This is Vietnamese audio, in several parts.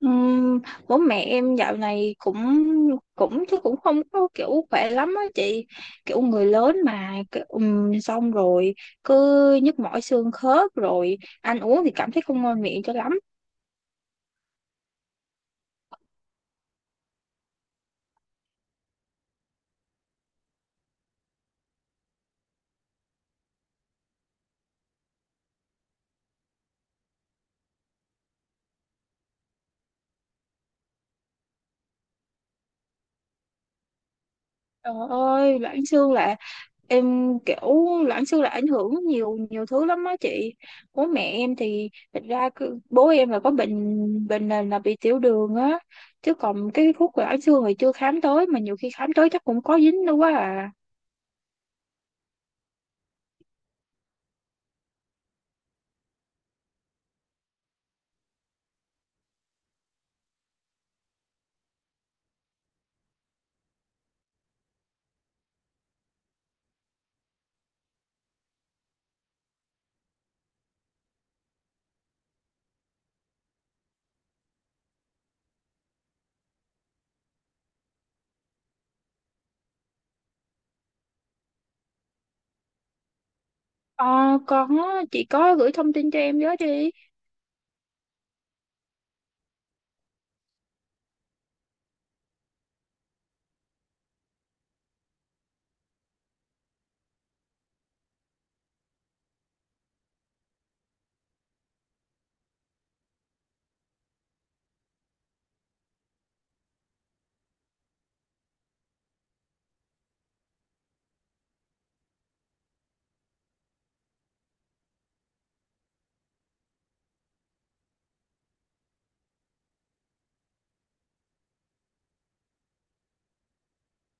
Ừm, Bố mẹ em dạo này cũng cũng chứ cũng không có kiểu khỏe lắm á chị, kiểu người lớn mà kiểu, xong rồi cứ nhức mỏi xương khớp rồi ăn uống thì cảm thấy không ngon miệng cho lắm. Trời ơi, loãng xương là em kiểu loãng xương là ảnh hưởng nhiều nhiều thứ lắm á chị. Bố mẹ em thì thật ra cứ- bố em là có bệnh bệnh nền là bị tiểu đường á, chứ còn cái khúc loãng xương thì chưa khám tới, mà nhiều khi khám tới chắc cũng có dính đâu quá à. Ờ, con á, chị có gửi thông tin cho em với đi.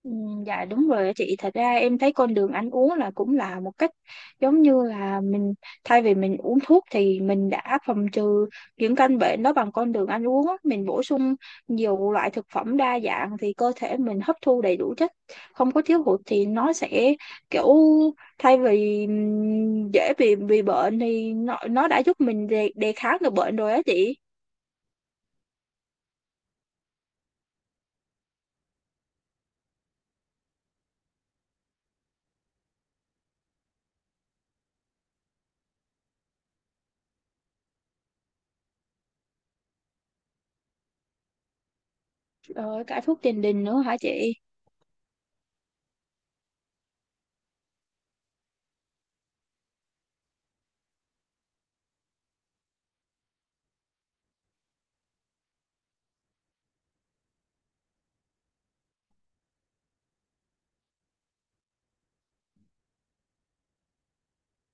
Ừ, dạ đúng rồi chị, thật ra em thấy con đường ăn uống là cũng là một cách, giống như là mình thay vì mình uống thuốc thì mình đã phòng trừ những căn bệnh đó bằng con đường ăn uống á. Mình bổ sung nhiều loại thực phẩm đa dạng thì cơ thể mình hấp thu đầy đủ chất, không có thiếu hụt thì nó sẽ kiểu, thay vì dễ bị bệnh thì nó đã giúp mình đề kháng được bệnh rồi á chị. Rồi cả thuốc tiền đình nữa hả chị?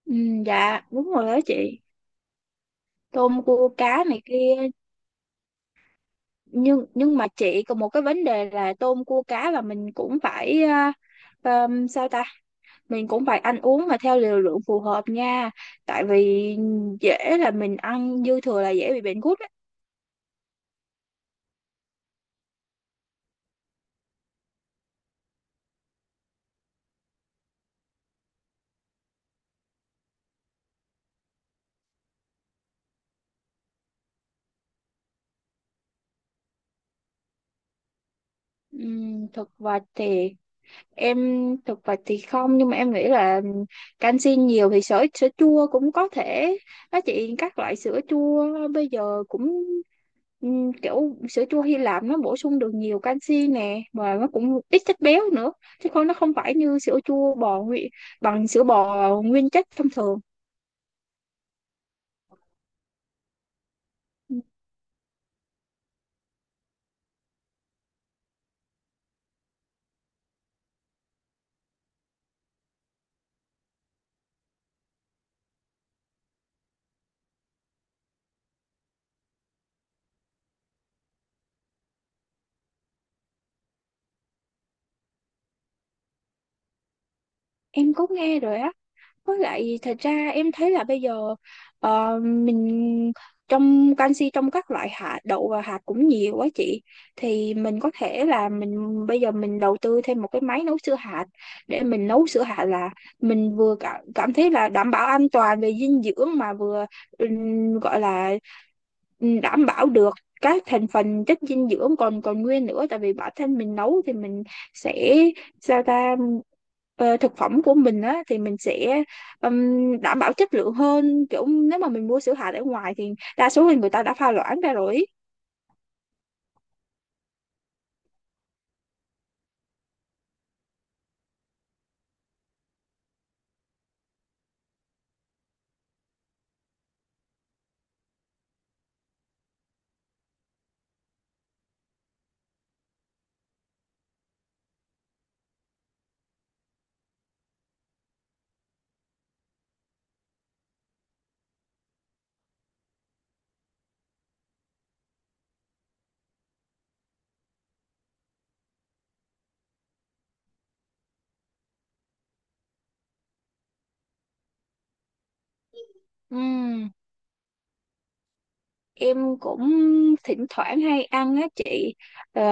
Ừ, dạ đúng rồi đó chị. Tôm cua cá này kia, nhưng mà chị còn một cái vấn đề là tôm cua cá là mình cũng phải sao ta, mình cũng phải ăn uống mà theo liều lượng phù hợp nha, tại vì dễ là mình ăn dư thừa là dễ bị bệnh gút á. Thực vật thì em, thực vật thì không, nhưng mà em nghĩ là canxi nhiều thì sữa sữa chua cũng có thể đó chị, các loại sữa chua bây giờ cũng kiểu sữa chua Hy Lạp nó bổ sung được nhiều canxi nè và nó cũng ít chất béo nữa, chứ không nó không phải như sữa chua bò nguyên, bằng sữa bò nguyên chất thông thường. Ừ, em có nghe rồi á. Với lại thật ra em thấy là bây giờ, mình, trong canxi trong các loại hạt đậu và hạt cũng nhiều quá chị, thì mình có thể là mình bây giờ mình đầu tư thêm một cái máy nấu sữa hạt, để mình nấu sữa hạt là mình vừa cảm thấy là đảm bảo an toàn về dinh dưỡng, mà vừa gọi là đảm bảo được các thành phần chất dinh dưỡng còn còn nguyên nữa, tại vì bản thân mình nấu thì mình sẽ, sao ta, thực phẩm của mình á thì mình sẽ đảm bảo chất lượng hơn, kiểu nếu mà mình mua sữa hạt ở ngoài thì đa số là người ta đã pha loãng ra rồi ý. Ừm, em cũng thỉnh thoảng hay ăn á chị. Ờ,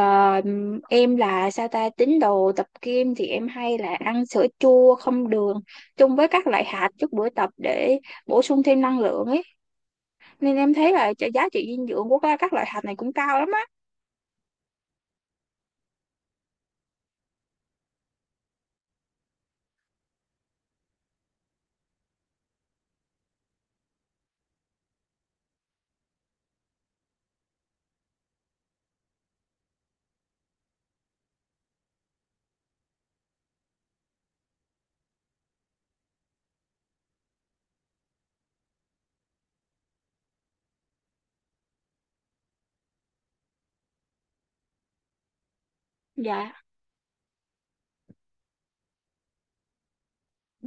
em là sao ta, tín đồ tập gym thì em hay là ăn sữa chua không đường chung với các loại hạt trước buổi tập để bổ sung thêm năng lượng ấy, nên em thấy là giá trị dinh dưỡng của các loại hạt này cũng cao lắm á. Dạ.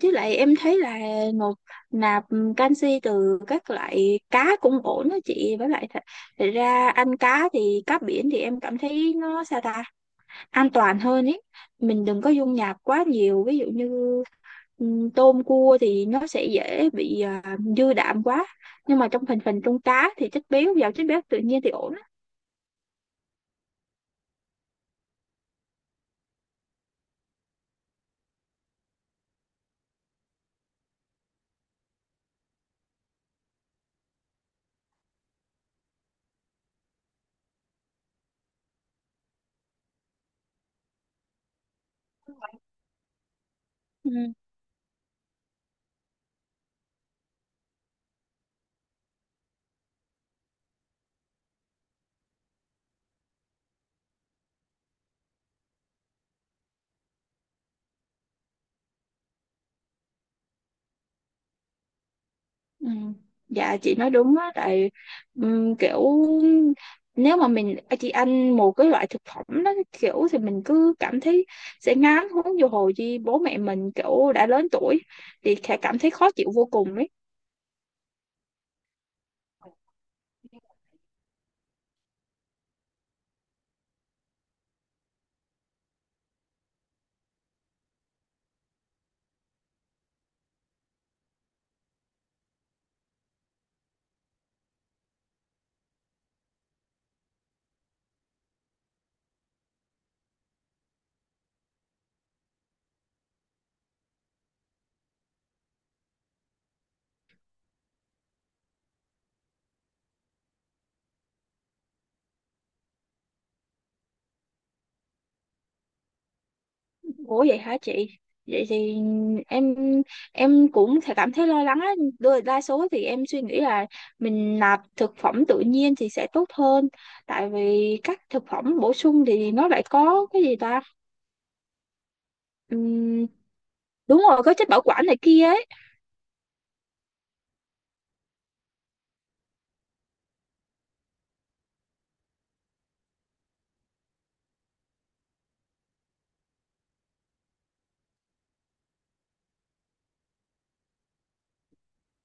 Với lại em thấy là nộp nạp canxi từ các loại cá cũng ổn đó chị, với lại thật ra ăn cá thì cá biển thì em cảm thấy nó sao ta an toàn hơn ấy, mình đừng có dung nạp quá nhiều, ví dụ như tôm cua thì nó sẽ dễ bị dư đạm quá, nhưng mà trong thành phần trong cá thì chất béo giàu chất béo tự nhiên thì ổn á. Ừ. Ừ. Dạ chị nói đúng á, tại kiểu nếu mà mình chị ăn một cái loại thực phẩm đó kiểu thì mình cứ cảm thấy sẽ ngán, huống vô hồi chi bố mẹ mình kiểu đã lớn tuổi thì sẽ cảm thấy khó chịu vô cùng ấy. Ủa vậy hả chị? Vậy thì em em cũng sẽ cảm thấy lo lắng á. Đa Đa số thì em suy nghĩ là mình nạp thực phẩm tự nhiên thì sẽ tốt hơn. Tại vì các thực phẩm bổ sung thì nó lại có cái gì ta? Đúng rồi, có chất bảo quản này kia ấy.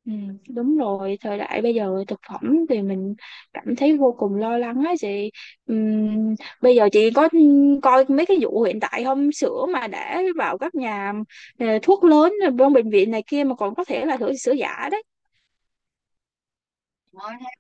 Ừ, đúng rồi, thời đại bây giờ thực phẩm thì mình cảm thấy vô cùng lo lắng ấy chị. Ừm, bây giờ chị có coi mấy cái vụ hiện tại không, sữa mà đã vào các nhà, thuốc lớn rồi trong bệnh viện này kia mà còn có thể là sữa sữa giả đấy. Ôi,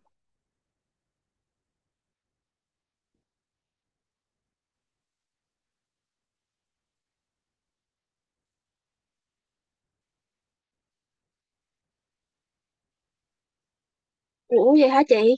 ủa vậy hả chị,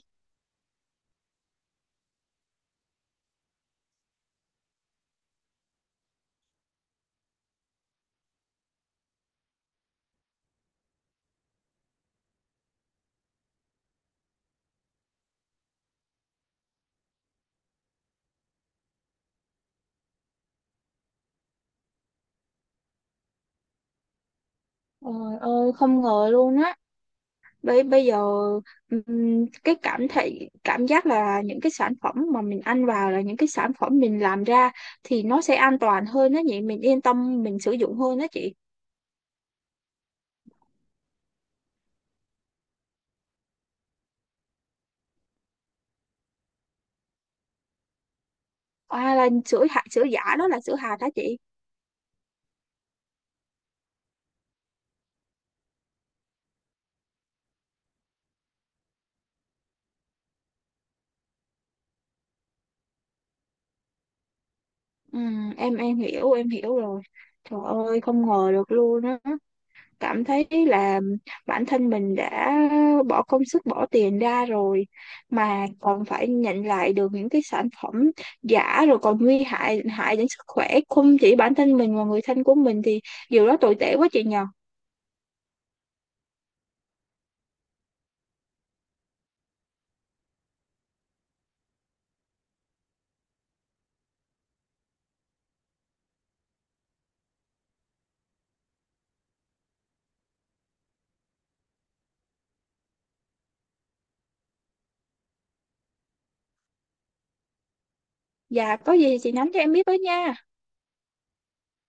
trời ơi không ngờ luôn á. Bây Bây giờ cái cảm giác là những cái sản phẩm mà mình ăn vào là những cái sản phẩm mình làm ra thì nó sẽ an toàn hơn đó nhỉ, mình yên tâm mình sử dụng hơn đó chị. À, là sữa hạt, sữa giả đó là sữa hạt đó chị. Em hiểu, em hiểu rồi, trời ơi không ngờ được luôn á, cảm thấy là bản thân mình đã bỏ công sức bỏ tiền ra rồi mà còn phải nhận lại được những cái sản phẩm giả, rồi còn nguy hại hại đến sức khỏe không chỉ bản thân mình mà người thân của mình thì điều đó tồi tệ quá chị nhờ. Dạ có gì thì chị nhắn cho em biết với nha.